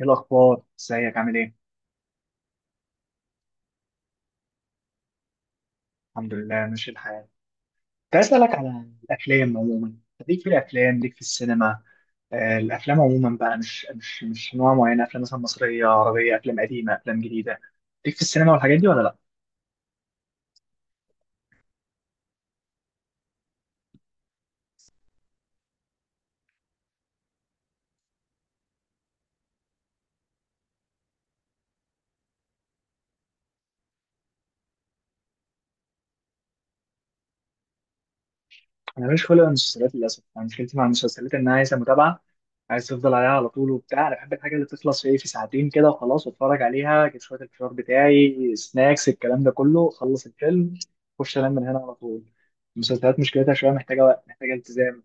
ايه الاخبار؟ ازيك؟ عامل ايه؟ الحمد لله، ماشي الحال. كنت عايز اسالك على الافلام عموما. ليك في الافلام، ليك في السينما؟ الافلام عموما بقى مش نوع معين، افلام مثلا مصريه، عربيه، افلام قديمه، افلام جديده. ليك في السينما والحاجات دي ولا لا؟ انا مش خلق المسلسلات للاسف، انا مشكلتي مع المسلسلات انها عايزه متابعه، عايز تفضل عليها على طول وبتاع. انا بحب الحاجه اللي تخلص في ايه، في ساعتين كده وخلاص، واتفرج عليها، اجيب شويه الفشار بتاعي، سناكس، الكلام ده كله، اخلص الفيلم اخش انام من هنا على طول. المسلسلات مشكلتها شويه، محتاجه وقت، محتاجه التزام.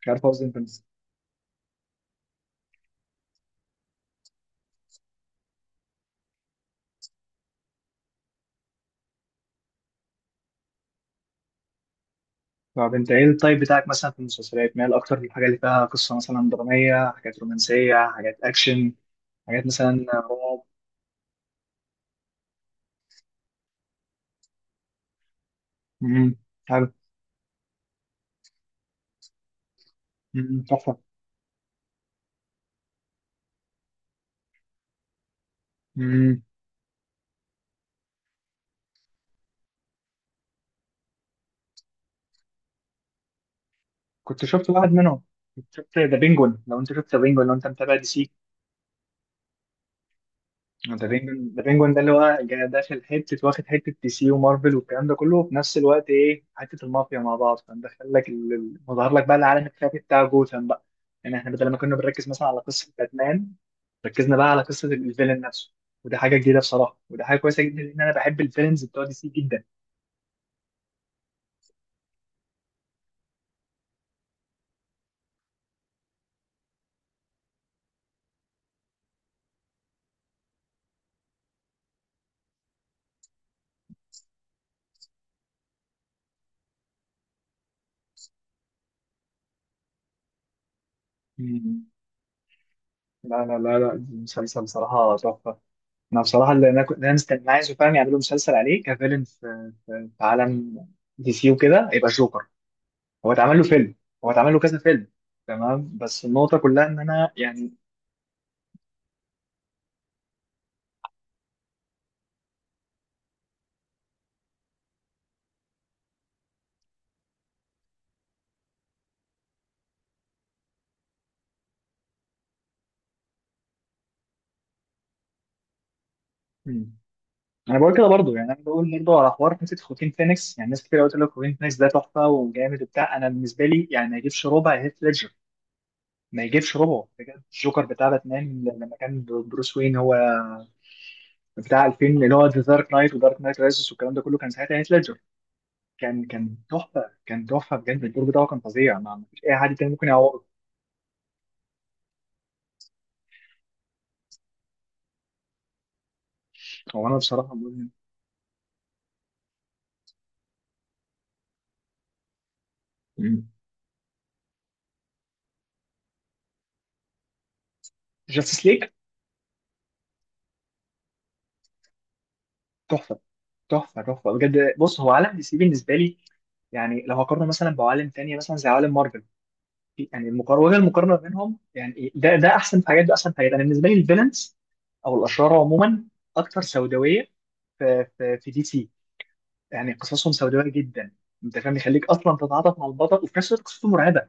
مش عارف اوزن في طب انت ايه التايب بتاعك مثلا في المسلسلات؟ مايل اكتر للحاجه اللي فيها قصه مثلا دراميه، حاجات رومانسيه، حاجات اكشن، حاجات مثلا رعب؟ امم. حلو. امم، تحفه. كنت شفت واحد منهم، كنت شفت ذا بينجون، لو انت شفت ذا بينجون، لو انت متابع دي سي. ذا بينجون ده اللي هو داخل حته، واخد حته دي سي ومارفل والكلام ده كله، وفي نفس الوقت ايه، حته المافيا مع بعض، فمدخل لك مظهر لك بقى العالم الخفي بتاع جوثام بقى. يعني احنا بدل ما كنا بنركز مثلا على قصه باتمان، ركزنا بقى على قصه الفيلن نفسه، وده حاجه جديده بصراحه، وده حاجه كويسه جدا، لان انا بحب الفيلنز بتوع دي سي جدا. مم. لا لا لا لا، المسلسل بصراحه تحفه. انا بصراحه اللي انا مستني عايزه فعلا يعملوا مسلسل عليه كفيلن في عالم دي سي وكده، يبقى جوكر. هو اتعمل له فيلم، هو اتعمل له كذا فيلم، تمام، بس النقطه كلها ان انا يعني. مم. انا بقول كده برضو، يعني انا بقول برضو على حوار حته خوكين فينيكس. يعني ناس كتير قوي تقول لك خوكين فينيكس ده تحفه وجامد وبتاع، انا بالنسبه لي يعني ما يجيبش ربع هيث ليدجر، ما يجيبش ربعه بجد. الجوكر بتاع باتمان لما كان بروس وين هو بتاع 2000، اللي هو ذا دارك نايت ودارك نايت رايزز والكلام ده كله، كان ساعتها هيث ليدجر، كان تحفه، كان تحفه بجد، الدور بتاعه كان فظيع، ما فيش اي حد تاني ممكن يعوضه. هو انا بصراحه مؤمن. جاستس ليج تحفه، تحفه تحفه بجد. بص، هو عالم دي سي بالنسبه لي، يعني لو هقارنه مثلا بعوالم تانية مثلا زي عوالم مارفل، يعني المقارنه، وجه المقارنه بينهم، يعني ده ده احسن في حاجات، ده احسن في حاجات. انا بالنسبه لي الفيلنز او الاشرار عموما اكثر سوداويه في دي سي، يعني قصصهم سوداويه جدا. انت فاهم، يخليك اصلا تتعاطف مع البطل وفي نفس الوقت قصته مرعبه،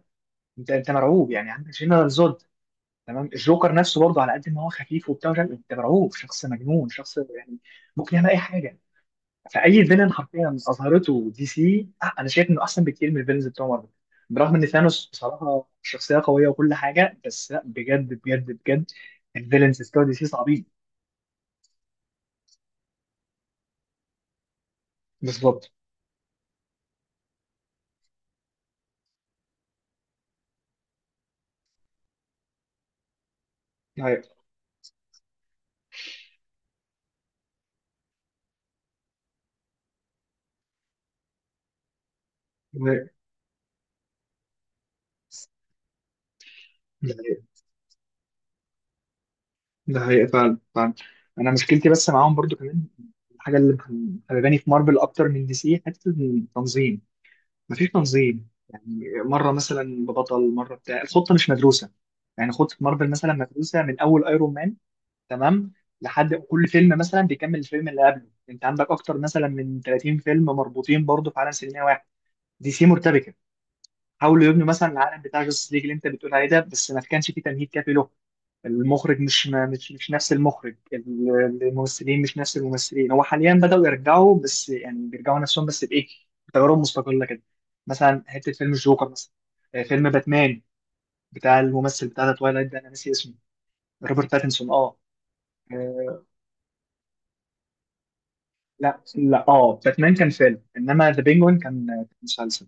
انت مرعوب. يعني عندك جنرال زود، تمام. الجوكر نفسه برضه على قد ما هو خفيف وبتاع ومش عارف إيه، انت مرعوب، شخص مجنون، شخص يعني ممكن يعمل اي حاجه. فاي فيلن حرفيا اظهرته دي سي انا شايف انه احسن بكتير من الفيلنز بتوع مارفل. برغم ان ثانوس بصراحه شخصيه قويه وكل حاجه، بس لا، بجد بجد بجد الفيلنز بتوع دي سي صعبين. بالظبط. ده حقيقة. ده حقيقة. ده حقيقة. ده حقيقة فعلا، فعلا. أنا مشكلتي بس معاهم برضو كمان، الحاجة اللي مخرباني في مارفل أكتر من دي سي، حتة التنظيم، مفيش تنظيم يعني، مره مثلا ببطل، مره بتاع، الخطه مش مدروسه. يعني خطه مارفل مثلا مدروسه من اول ايرون مان، تمام، لحد كل فيلم مثلا بيكمل الفيلم اللي قبله، انت عندك اكتر مثلا من 30 فيلم مربوطين برضه في عالم سينمائي واحد. دي سي مرتبكه، حاولوا يبنوا مثلا العالم بتاع جاستس ليج اللي انت بتقول عليه ده، بس ما كانش فيه تمهيد كافي له. المخرج مش ما- مش مش نفس المخرج، الممثلين مش نفس الممثلين. هو حاليا بدأوا يرجعوا، بس يعني بيرجعوا نفسهم بس بإيه، بتجارب مستقلة كده، مثلا حتة فيلم الجوكر مثلا، فيلم باتمان بتاع الممثل بتاع توايلايت ده، أنا ناسي اسمه، روبرت باتنسون، اه، آه. لا لا، اه، باتمان كان فيلم، انما ذا بينجوين كان كان مسلسل.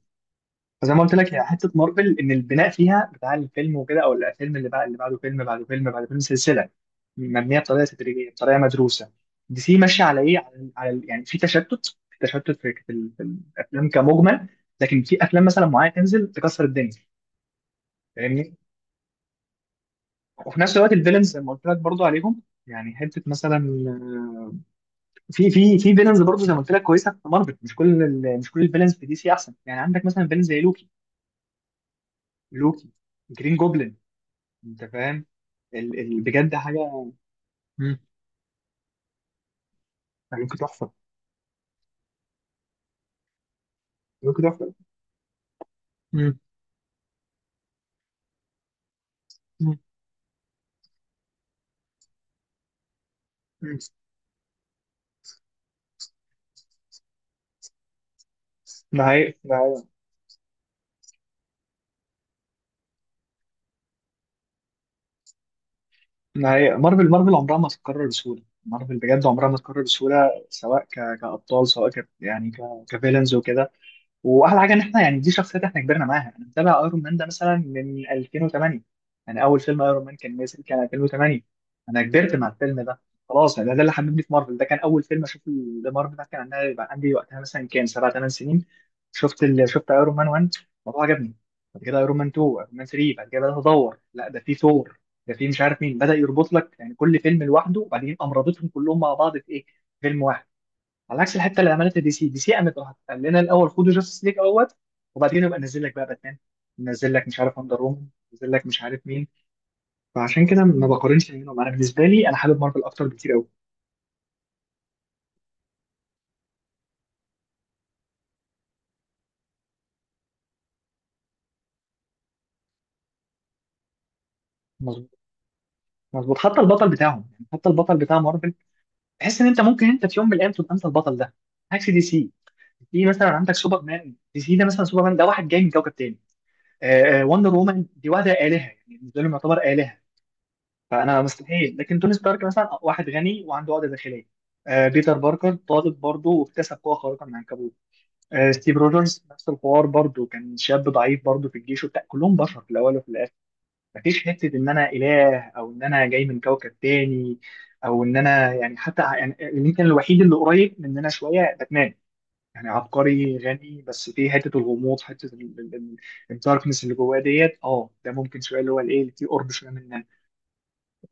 فزي ما قلت لك هي حته مارفل ان البناء فيها بتاع الفيلم وكده، او الفيلم اللي بعد اللي بعده، فيلم بعده فيلم بعد فيلم، سلسله مبنيه بطريقه تدريجيه، بطريقه مدروسه. دي سي ماشيه على ايه، يعني في تشتت في الافلام كمجمل، لكن في افلام مثلا معينه تنزل تكسر الدنيا، فاهمني. وفي نفس الوقت الفيلنز زي ما قلت لك برضو عليهم، يعني حته مثلا في فيلنز برضو زي ما قلت لك كويسه في مارفل، مش كل الفيلنز في دي سي احسن، يعني عندك مثلا فيلنز زي لوكي، لوكي، جرين جوبلن، انت فاهم، بجد حاجه. مم. يعني ممكن تحفه، ممكن تحفه. مم. مم. مم. ده حقيقي، ده حقيقي، ده حقيقي. مارفل مارفل عمرها ما تتكرر بسهوله، مارفل بجد عمرها ما تتكرر بسهوله، سواء كابطال، سواء كفيلنز وكده. واحلى حاجه ان احنا، يعني دي شخصيات احنا كبرنا معاها، انا متابع ايرون مان ده مثلا من 2008، يعني اول فيلم ايرون مان كان نازل كان 2008، انا كبرت مع الفيلم ده خلاص، يعني ده اللي حببني في مارفل، ده كان اول فيلم اشوف مارفل، ده كان عندها يبقى عندي وقتها مثلا كام، سبع ثمان سنين. شفت شفت ايرون مان 1، الموضوع عجبني، بعد كده ايرون مان 2، ايرون مان 3، بعد كده بدات ادور، لا ده في ثور، ده في مش عارف مين، بدا يربط لك يعني كل فيلم لوحده، وبعدين قام رابطهم كلهم مع بعض في ايه، فيلم واحد. على عكس الحته اللي عملتها دي سي، دي سي قامت راحت قال لنا الاول خدوا جاستس ليج اهوت، وبعدين يبقى نزل لك بقى باتمان، نزل لك مش عارف اندر وومن، نزل لك مش عارف مين. فعشان كده ما بقارنش بينهم، انا بالنسبه لي انا حابب مارفل اكتر بكتير قوي. مظبوط، مظبوط. حتى البطل بتاعهم يعني حتى البطل بتاع مارفل تحس ان انت ممكن انت في يوم من الايام تبقى انت البطل ده. عكس دي سي، دي مثلا عندك سوبرمان، دي سي ده مثلا سوبرمان ده واحد جاي من كوكب تاني، آه آه، وندر وومن دي واحده الهه، يعني بالنسبه لهم يعتبر الهه، فانا مستحيل. لكن توني ستارك مثلا واحد غني وعنده عقده داخليه، آه، بيتر باركر طالب برضه واكتسب قوه خارقه من العنكبوت، آه، ستيف روجرز نفس الحوار برضه، كان شاب ضعيف برضه في الجيش وبتاع، كلهم بشر في الاول وفي الاخر. مفيش حته ان انا اله او ان انا جاي من كوكب تاني، او ان انا يعني، حتى يعني يمكن الوحيد اللي قريب مننا شويه باتمان، يعني عبقري غني، بس في حته الغموض، حته الداركنس اللي جواه ديت، اه ده ممكن شويه اللي هو الايه اللي فيه قرب شويه مننا.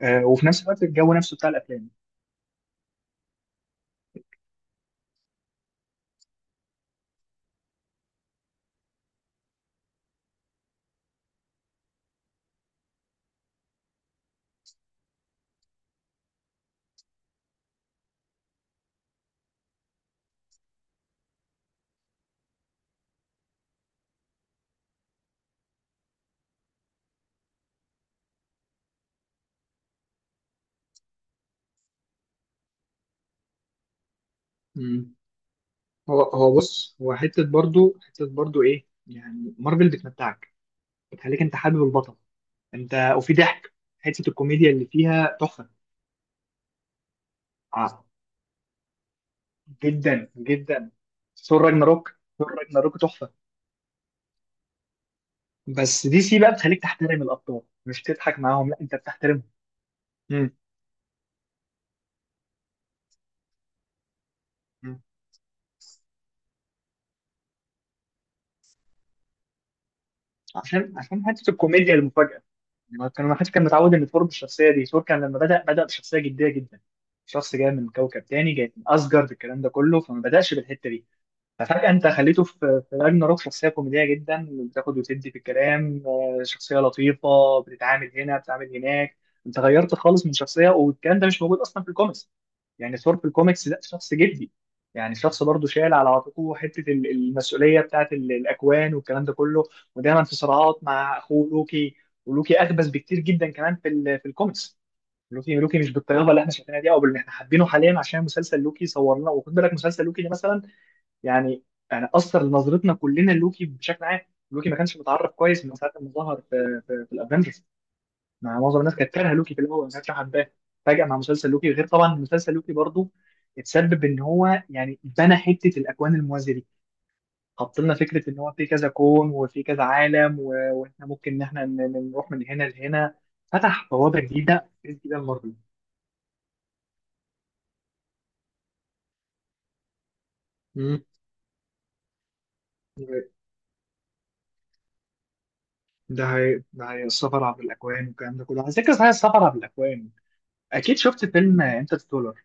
وفي نفس الوقت الجو نفسه بتاع الافلام. مم. هو هو بص، هو حته برضو، حته برضو ايه يعني، مارفل بتمتعك، بتخليك انت حابب البطل انت، وفي ضحك، حته الكوميديا اللي فيها تحفه. آه. جدا جدا. ثور راجناروك، ثور راجناروك تحفه. بس دي سي بقى بتخليك تحترم الابطال مش تضحك معاهم، لا، انت بتحترمهم. مم. عشان عشان حته الكوميديا المفاجاه، يعني هو كان ما حدش كان متعود ان ثور بالشخصيه دي، ثور كان لما بدا، بدا بشخصيه جديه جدا، شخص جاي من كوكب تاني، جاي من اسجارد، الكلام ده كله، فما بداش بالحته دي. ففجاه انت خليته في في راجناروك شخصيه كوميديه جدا، بتاخد وتدي في الكلام، آه، شخصيه لطيفه بتتعامل هنا، بتتعامل هناك. انت غيرت خالص من شخصيه، والكلام ده مش موجود اصلا في الكوميكس، يعني ثور في الكوميكس ده شخص جدي، يعني شخص برضه شايل على عاتقه حته المسؤوليه بتاعت الاكوان والكلام ده كله، ودايما في صراعات مع اخوه لوكي. ولوكي اخبث بكتير جدا كمان في في الكوميكس. لوكي لوكي مش بالطيابه اللي احنا شايفينها دي، او باللي احنا حابينه حاليا، عشان مسلسل لوكي صور لنا، وخد بالك مسلسل لوكي ده مثلا، يعني يعني اثر نظرتنا كلنا لوكي بشكل عام. لوكي ما كانش متعرف كويس من ساعه ما ظهر في, الافنجرز، مع معظم الناس كانت كارهه لوكي في الاول، ما كانتش حباه. فجاه مع مسلسل لوكي، غير طبعا مسلسل لوكي برضو اتسبب ان هو يعني بنى حته الاكوان الموازيه دي، حط لنا فكره ان هو في كذا كون وفي كذا عالم واحنا ممكن ان احنا نروح من هنا لهنا، فتح بوابه جديده، جديده لمارفل. مم. ده هي السفر عبر الاكوان والكلام ده كله، على ذكر صحيح السفر عبر الاكوان، اكيد شفت فيلم انترستولر.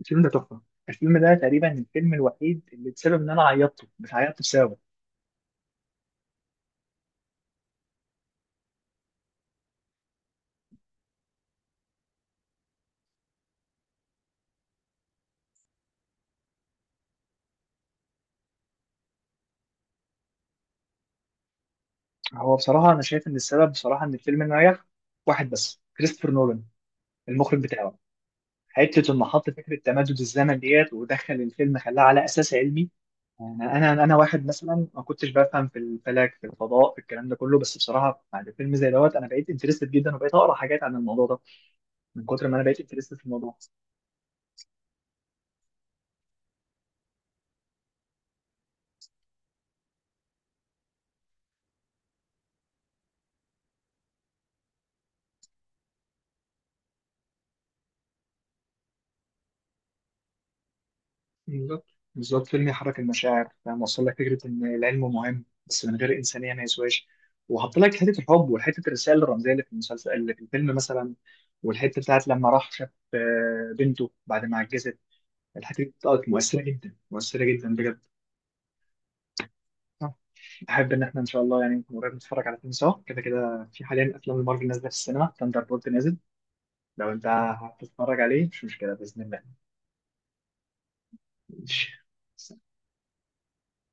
الفيلم ده تحفه، الفيلم ده تقريبا الفيلم الوحيد اللي بسبب ان انا عيطته، مش عيطت بسببه، هو بصراحة أنا شايف إن السبب بصراحة إن الفيلم نجح واحد بس، كريستوفر نولان، المخرج بتاعه، حتة إنه حط فكرة تمدد الزمن ديت، ودخل الفيلم خلاه على أساس علمي، يعني أنا أنا واحد مثلا ما كنتش بفهم في الفلك، في الفضاء، في الكلام ده كله، بس بصراحة بعد فيلم زي دوت أنا بقيت انترستد جدا، وبقيت أقرأ حاجات عن الموضوع ده من كتر ما أنا بقيت انترستد في الموضوع. بالظبط، بالظبط، فيلم يحرك المشاعر، فاهم، وصل لك فكره ان العلم مهم بس من غير انسانيه ما يسواش، وحط لك حته الحب، وحته الرساله الرمزيه اللي في المسلسل اللي في الفيلم مثلا، والحته بتاعت لما راح شاف آه، بنته بعد ما عجزت، الحته دي بتاعت مؤثره جدا، مؤثره جدا بجد. آه. احب ان احنا ان شاء الله يعني نكون قريب نتفرج على فيلم سوا كده، كده في حاليا افلام المارفل نازله في السينما، ثاندر بولت نازل، لو انت هتتفرج عليه مش مشكله باذن الله. ماشي.